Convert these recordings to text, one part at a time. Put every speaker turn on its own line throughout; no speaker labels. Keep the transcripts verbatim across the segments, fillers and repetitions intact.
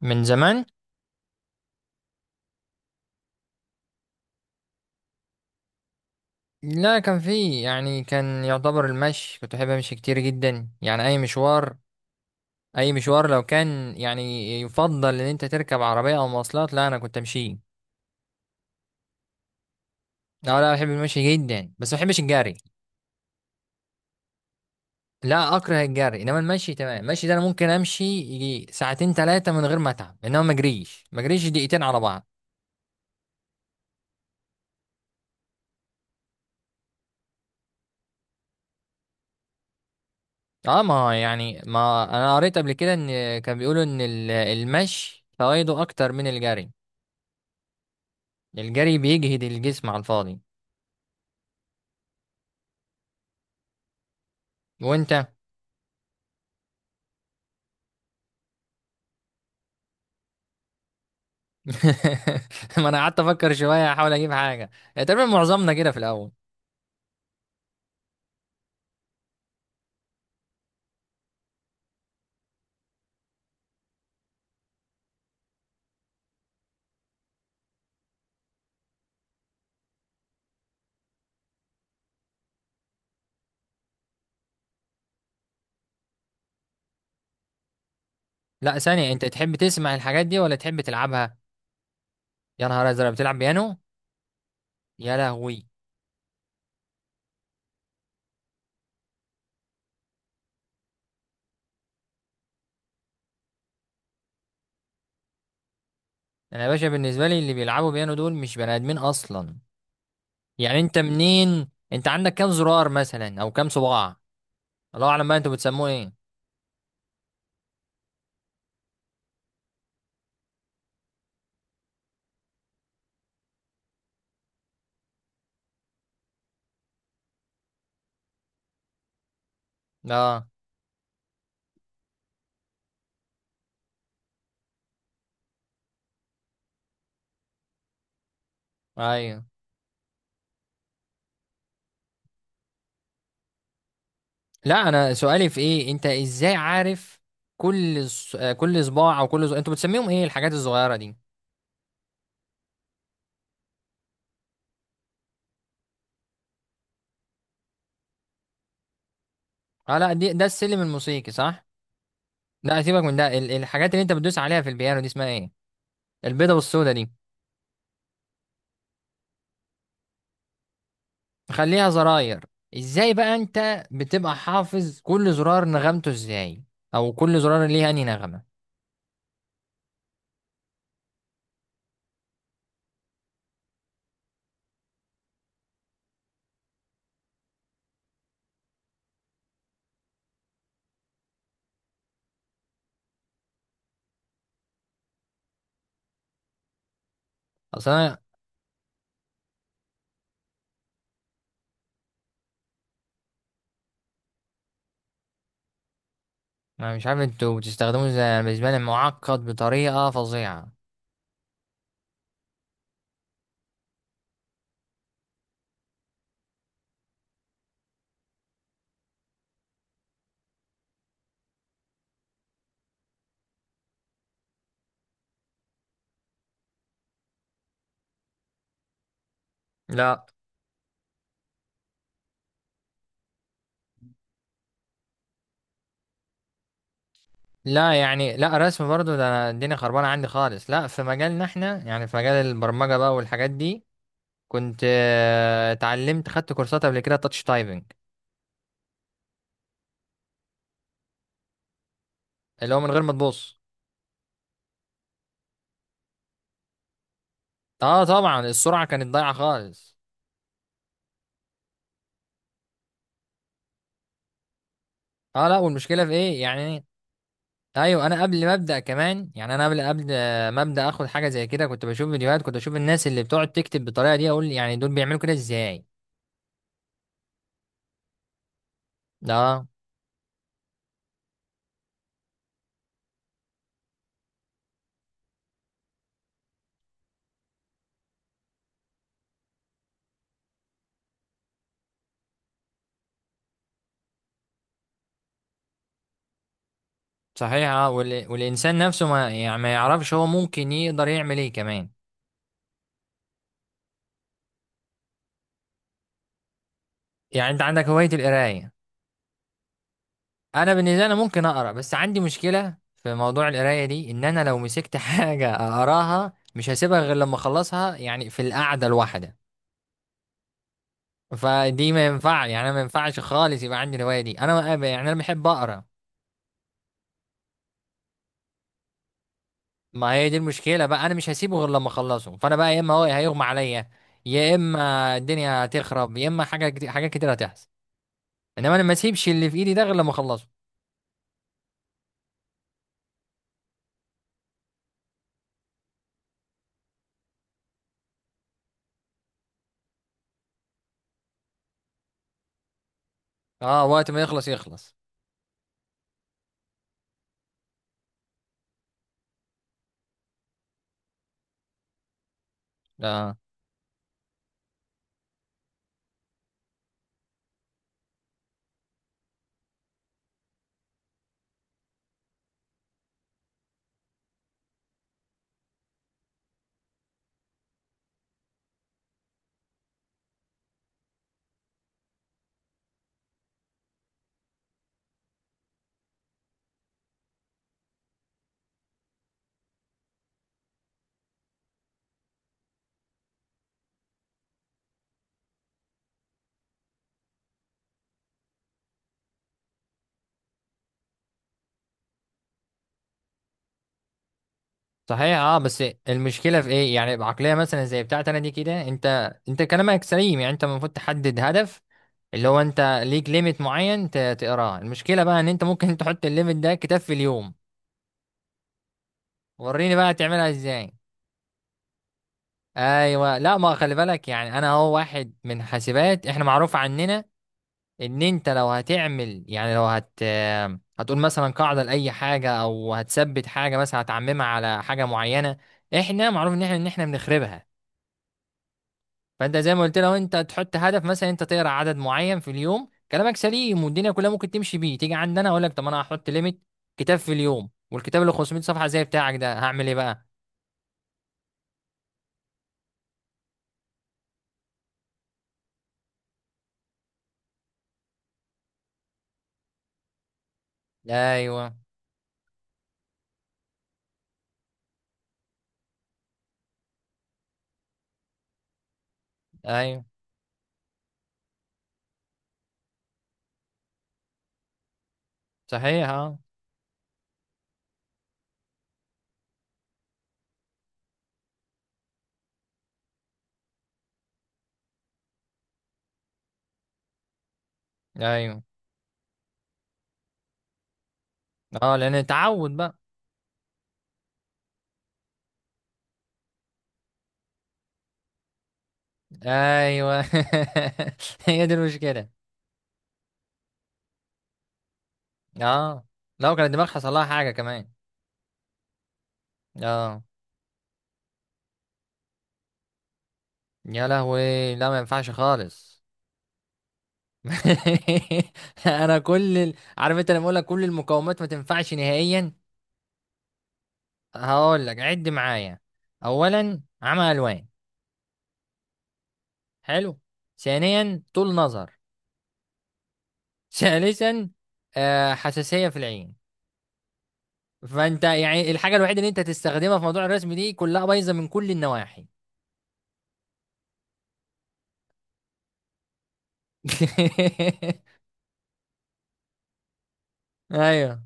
من زمان. لا، كان في، يعني كان يعتبر المشي. كنت بحب امشي كتير جدا، يعني اي مشوار، اي مشوار لو كان يعني يفضل ان انت تركب عربية او مواصلات، لا انا كنت امشي. لا لا، بحب المشي جدا، بس ما بحبش الجري. لا اكره الجري، انما المشي تمام. المشي ده انا ممكن امشي يجي ساعتين ثلاثة من غير ما اتعب، انما ما اجريش، ما اجريش دقيقتين على بعض. اه، ما يعني ما انا قريت قبل كده ان كان بيقولوا ان ال- المشي فوائده اكتر من الجري. الجري بيجهد الجسم على الفاضي. وانت ما انا قعدت افكر شويه احاول اجيب حاجه. تقريبا معظمنا كده في الاول. لا ثانيه، انت تحب تسمع الحاجات دي ولا تحب تلعبها؟ يا نهار ازرق، بتلعب بيانو؟ يا لهوي. انا يا باشا بالنسبه لي اللي بيلعبوا بيانو دول مش بني ادمين اصلا. يعني انت منين؟ انت عندك كام زرار مثلا او كام صباع؟ الله اعلم بقى انتوا بتسموه ايه. اه. ايوه. لا، انا سؤالي في ايه، انت ازاي عارف كل ص- كل صباع او كل ز... انتوا بتسميهم ايه الحاجات الصغيره دي؟ اه لا، دي ده السلم الموسيقي صح. لا سيبك من ده، ال- الحاجات اللي انت بتدوس عليها في البيانو دي اسمها ايه؟ البيضه والسودا دي. خليها زراير. ازاي بقى انت بتبقى حافظ كل زرار نغمته ازاي؟ او كل زرار ليه انهي نغمه؟ اصل انا، انا مش عارف انتوا بتستخدموه ازاي. انا بالنسبه لي معقد بطريقه فظيعه. لا، لا يعني لا رسم برضو، ده انا الدنيا خربانه عندي خالص. لا في مجالنا احنا، يعني في مجال البرمجه بقى والحاجات دي، كنت آه، اتعلمت خدت كورسات قبل كده تاتش تايبنج، اللي هو من غير ما تبص. اه طبعا، السرعه كانت ضايعه خالص. اه لا، والمشكله في ايه يعني. ايوه، انا قبل ما ابدا كمان، يعني انا قبل قبل ما ابدا اخد حاجه زي كده كنت بشوف فيديوهات، كنت بشوف الناس اللي بتقعد تكتب بالطريقه دي، اقول يعني دول بيعملوا كده ازاي. ده صحيح. اه، وال... والانسان نفسه ما يعني ما يعرفش هو ممكن يقدر يعمل ايه كمان. يعني انت عندك هوايه القرايه؟ انا بالنسبه لي أنا ممكن اقرا، بس عندي مشكله في موضوع القرايه دي، ان انا لو مسكت حاجه اقراها مش هسيبها غير لما اخلصها، يعني في القعده الواحده. فدي ما ينفع، يعني انا ما ينفعش خالص يبقى عندي الهوايه دي، انا ما- يعني انا بحب اقرا. ما هي دي المشكله بقى، انا مش هسيبه غير لما اخلصه، فانا بقى يا اما هو هيغمى عليا، يا اما الدنيا هتخرب، يا اما حاجه كتير، حاجات كتير هتحصل. انما انا ما اسيبش اللي في ايدي ده غير لما اخلصه. اه، وقت ما يخلص يخلص. اه صحيح. اه بس المشكله في ايه يعني، بعقليه مثلا زي بتاعتي انا دي كده، انت انت كلامك سليم، يعني انت المفروض تحدد هدف، اللي هو انت ليك ليميت معين ت- تقراه. المشكله بقى ان انت ممكن تحط الليميت ده كتاب في اليوم. وريني بقى تعملها ازاي. ايوه لا، ما خلي بالك، يعني انا هو واحد من حاسبات، احنا معروف عننا ان انت لو هتعمل، يعني لو هت هتقول مثلا قاعده لاي حاجه، او هتثبت حاجه مثلا، هتعممها على حاجه معينه. احنا معروف ان احنا ان احنا بنخربها. فانت زي ما قلت، لو انت تحط هدف مثلا انت تقرا عدد معين في اليوم، كلامك سليم والدنيا كلها ممكن تمشي بيه. تيجي عندنا، اقول لك طب انا هحط ليميت كتاب في اليوم، والكتاب اللي خمسمية صفحه زي بتاعك ده هعمل ايه بقى؟ ايوه. ايوه صحيح. اه. ايوه. اه، لان اتعود بقى. ايوه هي دي المشكله. اه، لو كان الدماغ حصل لها حاجه كمان. اه. يا لهوي، لا ما ينفعش خالص. انا كل ال... عارف انت، لما اقول لك كل المقاومات ما تنفعش نهائيا. هقول لك عد معايا: اولا عمى الوان، حلو، ثانيا طول نظر، ثالثا آه حساسيه في العين. فانت يعني الحاجه الوحيده اللي انت تستخدمها في موضوع الرسم دي كلها بايظه من كل النواحي. ايوه.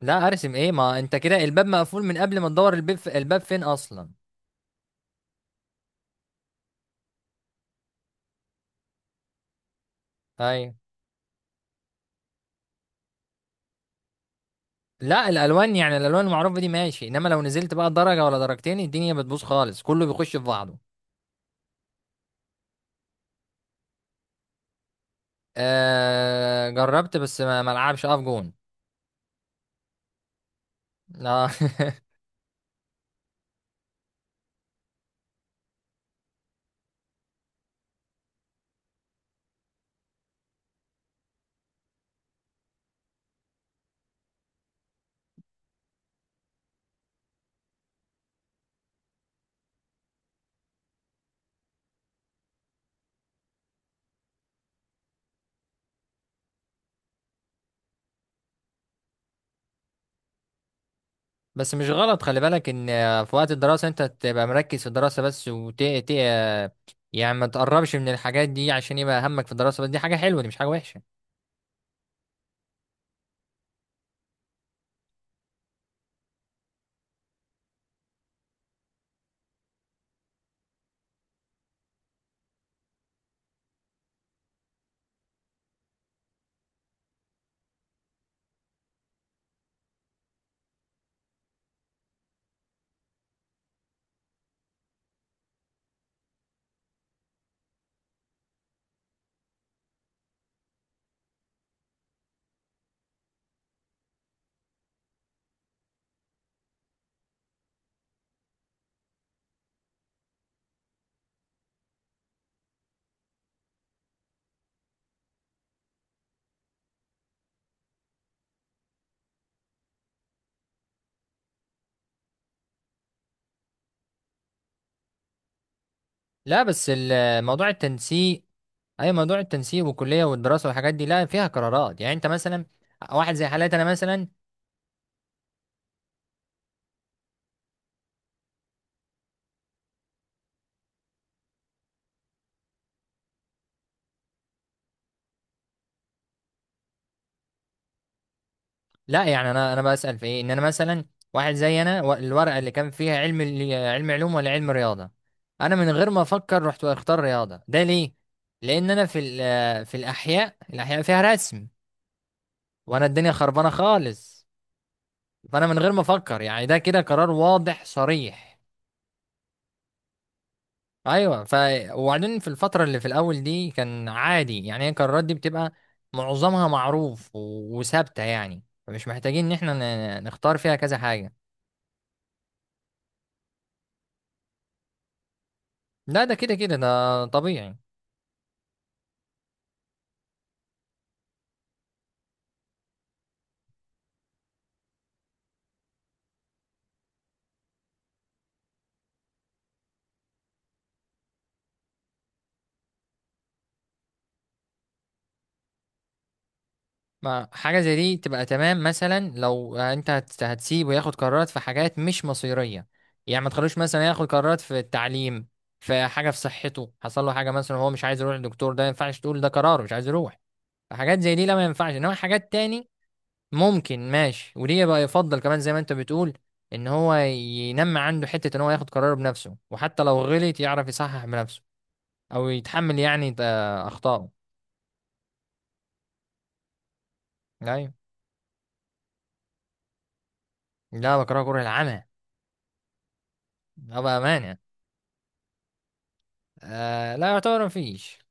لا ارسم ايه، ما انت كده الباب مقفول من قبل ما تدور الباب، في الباب فين اصلا؟ ايوه. لا الالوان، يعني الالوان المعروفه دي ماشي، انما لو نزلت بقى درجه ولا درجتين الدنيا بتبوظ خالص، كله بيخش في بعضه. آه جربت، بس ما ما العبش، اقف جون. آه. بس مش غلط، خلي بالك ان في وقت الدراسه انت تبقى مركز في الدراسه بس، وت ت- يعني ما تقربش من الحاجات دي عشان يبقى همك في الدراسه بس، دي حاجه حلوه، دي مش حاجه وحشه. لا بس ال- موضوع التنسيق، اي موضوع التنسيب والكليه والدراسه والحاجات دي لا فيها قرارات. يعني انت مثلا، واحد زي حالاتي انا مثلا، لا يعني انا انا بسال في ايه، ان انا مثلا واحد زي انا و- الورقه اللي كان فيها علم ال- علم علوم ولا علم رياضه، انا من غير ما افكر رحت اختار رياضه. ده ليه؟ لان انا في ال- في الاحياء، الاحياء فيها رسم، وانا الدنيا خربانه خالص. فانا من غير ما افكر، يعني ده كده قرار واضح صريح. ايوه. ف وبعدين في الفتره اللي في الاول دي كان عادي، يعني هي القرارات دي بتبقى معظمها معروف و- وثابته، يعني فمش محتاجين ان احنا ن- نختار فيها كذا حاجه. لا ده كده كده ده طبيعي. ما حاجه زي دي تبقى تمام، مثلا لو انت هت- هتسيبه ياخد قرارات في حاجات مش مصيريه. يعني ما تخلوش مثلا ياخد قرارات في التعليم، في حاجه في صحته حصل له حاجه مثلا هو مش عايز يروح للدكتور، ده ما ينفعش تقول ده قراره مش عايز يروح. حاجات زي دي لا ما ينفعش، انما حاجات تاني ممكن ماشي. وليه بقى يفضل كمان زي ما انت بتقول ان هو ينمى عنده حتة ان هو ياخد قراره بنفسه، وحتى لو غلط يعرف يصحح بنفسه، او يتحمل يعني ت- اخطائه. ايوه. لا بكره، كره العمى. ابقى مانع. آه لا يعتبر مفيش.